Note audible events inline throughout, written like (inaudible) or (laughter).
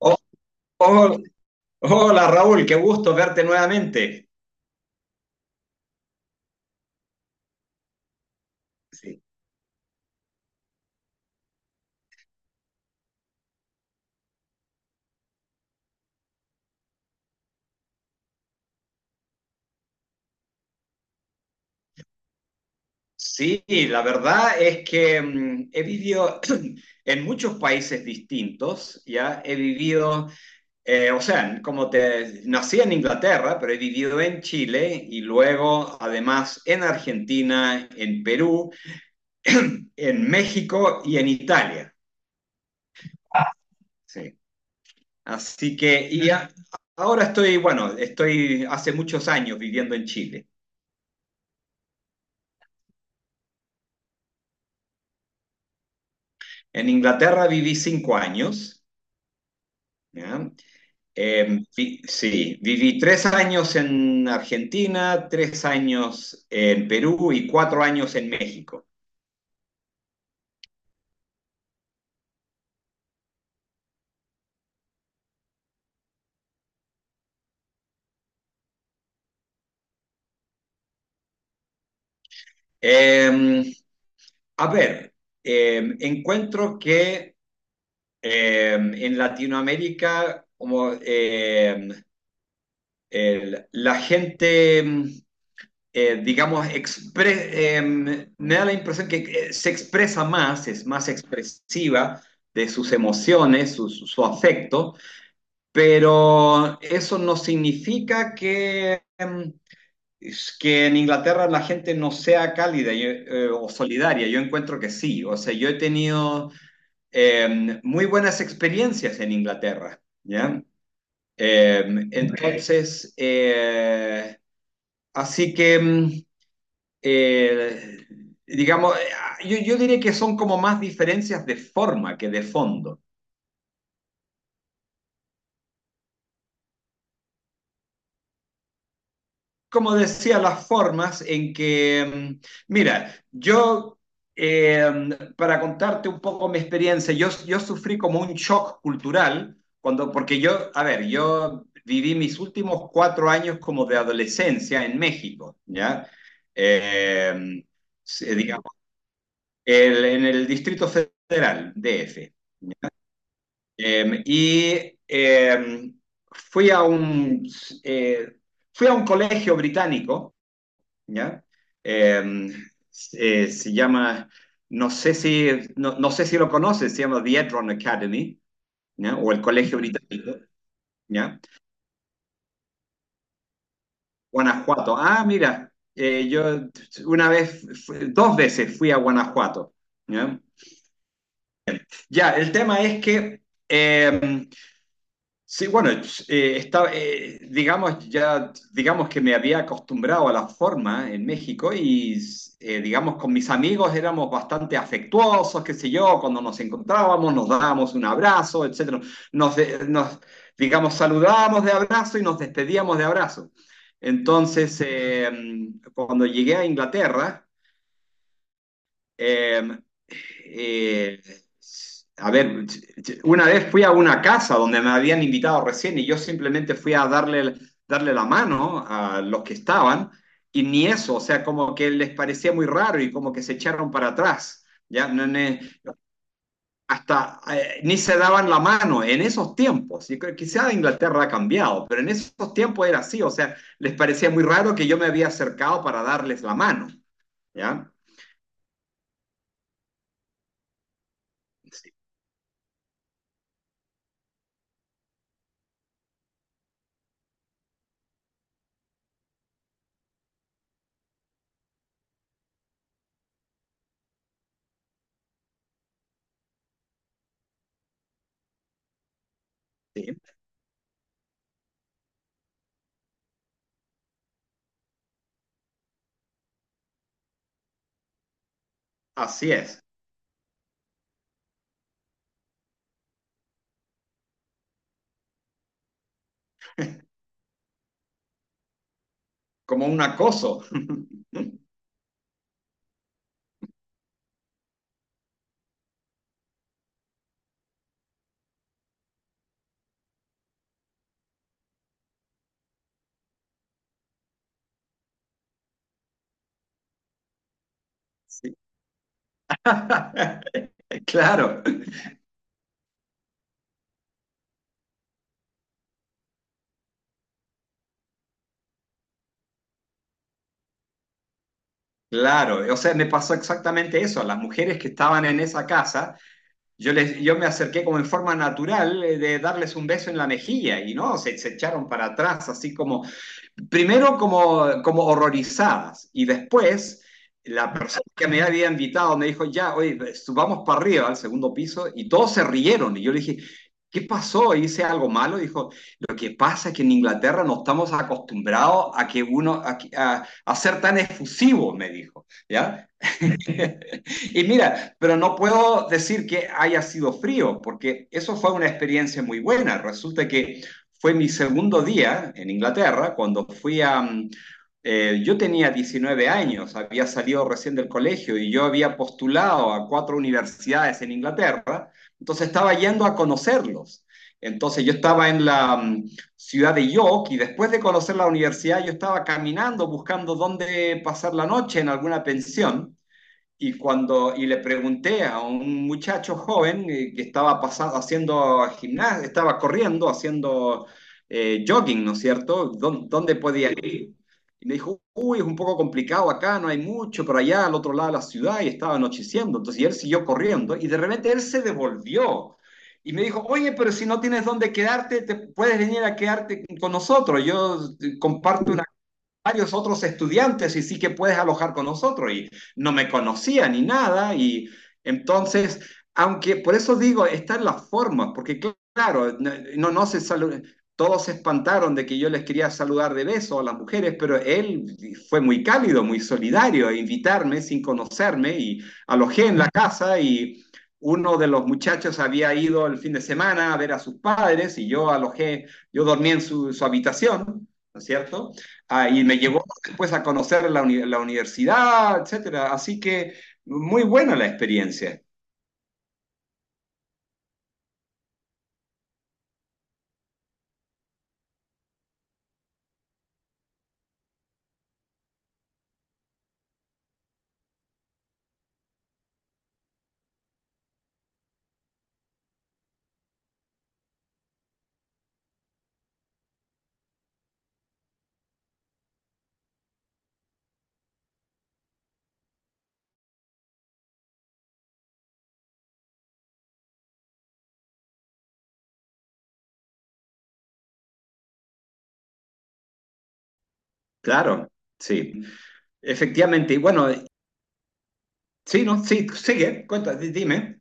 Oh, oh, hola Raúl, qué gusto verte nuevamente. Sí, sí, la verdad es que he vivido (clears throat) en muchos países distintos. Ya he vivido, o sea, como te nací en Inglaterra, pero he vivido en Chile y luego además en Argentina, en Perú, (clears throat) en México y en Italia. Sí. Así que y a- Ahora estoy, bueno, estoy hace muchos años viviendo en Chile. En Inglaterra viví 5 años, ¿ya? Sí, viví 3 años en Argentina, 3 años en Perú y 4 años en México. Eh, a ver, encuentro que en Latinoamérica como, la gente digamos, expre me da la impresión que se expresa más, es más expresiva de sus emociones, su afecto, pero eso no significa que en Inglaterra la gente no sea cálida, yo, o solidaria. Yo encuentro que sí, o sea, yo he tenido muy buenas experiencias en Inglaterra, ¿ya? Eh, entonces, así que... eh, digamos, yo diré que son como más diferencias de forma que de fondo. Como decía, las formas en que, mira, eh, para contarte un poco mi experiencia, yo sufrí como un shock cultural, cuando, porque yo, a ver, yo viví mis últimos 4 años como de adolescencia en México, ¿ya? Eh, digamos, en el Distrito Federal, DF. Eh, y eh, fui a un, eh, Fui a un colegio británico, ¿ya? Eh, Se llama, no sé si, no, no sé si lo conoces, se llama The Edron Academy, ¿ya? O el Colegio Británico, ¿ya? Guanajuato. Ah, mira, yo una vez, dos veces fui a Guanajuato, ¿ya? Ya, el tema es que... eh, sí, bueno, estaba, digamos, ya, digamos que me había acostumbrado a la forma en México y, digamos, con mis amigos éramos bastante afectuosos, qué sé yo, cuando nos encontrábamos, nos dábamos un abrazo, etcétera. Nos, digamos, saludábamos de abrazo y nos despedíamos de abrazo. Entonces, cuando llegué a Inglaterra, eh, eh, a ver, una vez fui a una casa donde me habían invitado recién y yo simplemente fui a darle la mano a los que estaban y ni eso, o sea, como que les parecía muy raro y como que se echaron para atrás, ya. No, hasta ni se daban la mano en esos tiempos. Y creo- quizá Inglaterra ha cambiado, pero en esos tiempos era así, o sea, les parecía muy raro que yo me había acercado para darles la mano, ¿ya? Sí, sí, así es. Como un acoso. (laughs) Sí. (laughs) Claro, claro. O sea, me pasó exactamente eso. A las mujeres que estaban en esa casa, yo me acerqué como en forma natural, de darles un beso en la mejilla y no, se echaron para atrás, así como, primero como, horrorizadas y después la persona que me había invitado me dijo, ya, oye, subamos para arriba al segundo piso y todos se rieron y yo le dije, ¿qué pasó? ¿Hice algo malo? Dijo, lo que pasa es que en Inglaterra no estamos acostumbrados a que uno, a ser tan efusivo, me dijo, ¿ya? (laughs) Y mira, pero no puedo decir que haya sido frío, porque eso fue una experiencia muy buena. Resulta que fue mi segundo día en Inglaterra cuando fui a... yo tenía 19 años, había salido recién del colegio y yo había postulado a cuatro universidades en Inglaterra, entonces estaba yendo a conocerlos. Entonces yo estaba en la ciudad de York y después de conocer la universidad yo estaba caminando buscando dónde pasar la noche en alguna pensión y, y le pregunté a un muchacho joven, que estaba pasando, haciendo gimnasia, estaba corriendo, haciendo jogging, ¿no es cierto? ¿Dónde podía ir? Y me dijo, uy, es un poco complicado acá, no hay mucho, pero allá al otro lado de la ciudad y estaba anocheciendo. Entonces, y él siguió corriendo y de repente él se devolvió y me dijo, oye, pero si no tienes dónde quedarte, te puedes venir a quedarte con nosotros. Yo comparto un varios otros estudiantes y sí que puedes alojar con nosotros. Y no me conocía ni nada. Y entonces, aunque por eso digo, está en las formas, porque claro, no, no se saluda. Todos se espantaron de que yo les quería saludar de beso a las mujeres, pero él fue muy cálido, muy solidario, a invitarme sin conocerme y alojé en la casa y uno de los muchachos había ido el fin de semana a ver a sus padres y yo alojé, yo dormí en su habitación, ¿no es cierto? Ah, y me llevó después a conocer la, la universidad, etcétera. Así que muy buena la experiencia. Claro, sí. Efectivamente. Y bueno, sí, ¿no? Sí, sigue, cuenta, dime.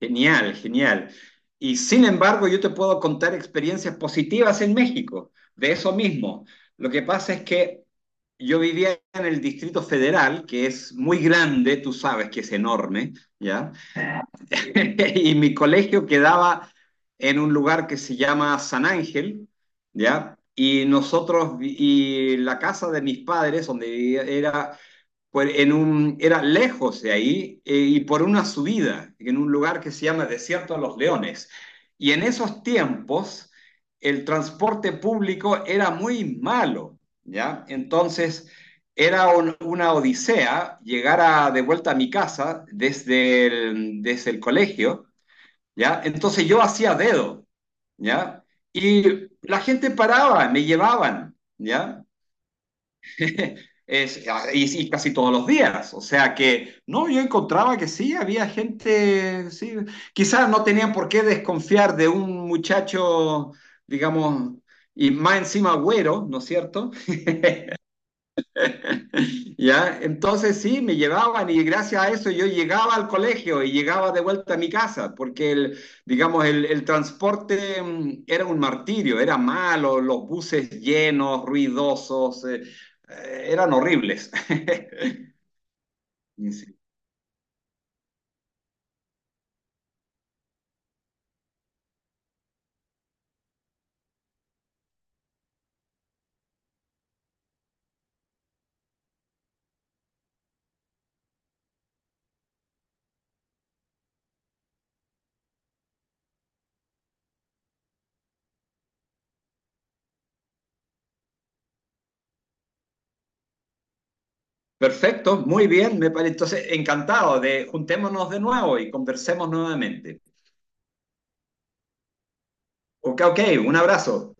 Genial, genial. Y sin embargo, yo te puedo contar experiencias positivas en México, de eso mismo. Lo que pasa es que yo vivía en el Distrito Federal, que es muy grande, tú sabes que es enorme, ¿ya? (laughs) Y mi colegio quedaba en un lugar que se llama San Ángel, ¿ya? Y nosotros, y la casa de mis padres, donde vivía, era era lejos de ahí, y por una subida, en un lugar que se llama Desierto de los Leones. Y en esos tiempos el transporte público era muy malo, ¿ya? Entonces era una odisea llegar de vuelta a mi casa desde desde el colegio, ¿ya? Entonces yo hacía dedo, ¿ya? Y la gente paraba, me llevaban, ¿ya? (laughs) Es, ah, y casi todos los días. O sea que, no, yo encontraba que sí, había gente, sí, quizás no tenían por qué desconfiar de un muchacho, digamos, y más encima güero, ¿no es cierto? (laughs) ¿Ya? Entonces sí, me llevaban y gracias a eso yo llegaba al colegio y llegaba de vuelta a mi casa, porque el, digamos, el transporte, era un martirio, era malo, los buses llenos, ruidosos, eran horribles. (laughs) Sí. Sí. Perfecto, muy bien, me parece. Entonces, encantado de juntémonos de nuevo y conversemos nuevamente. Ok, ok, un abrazo.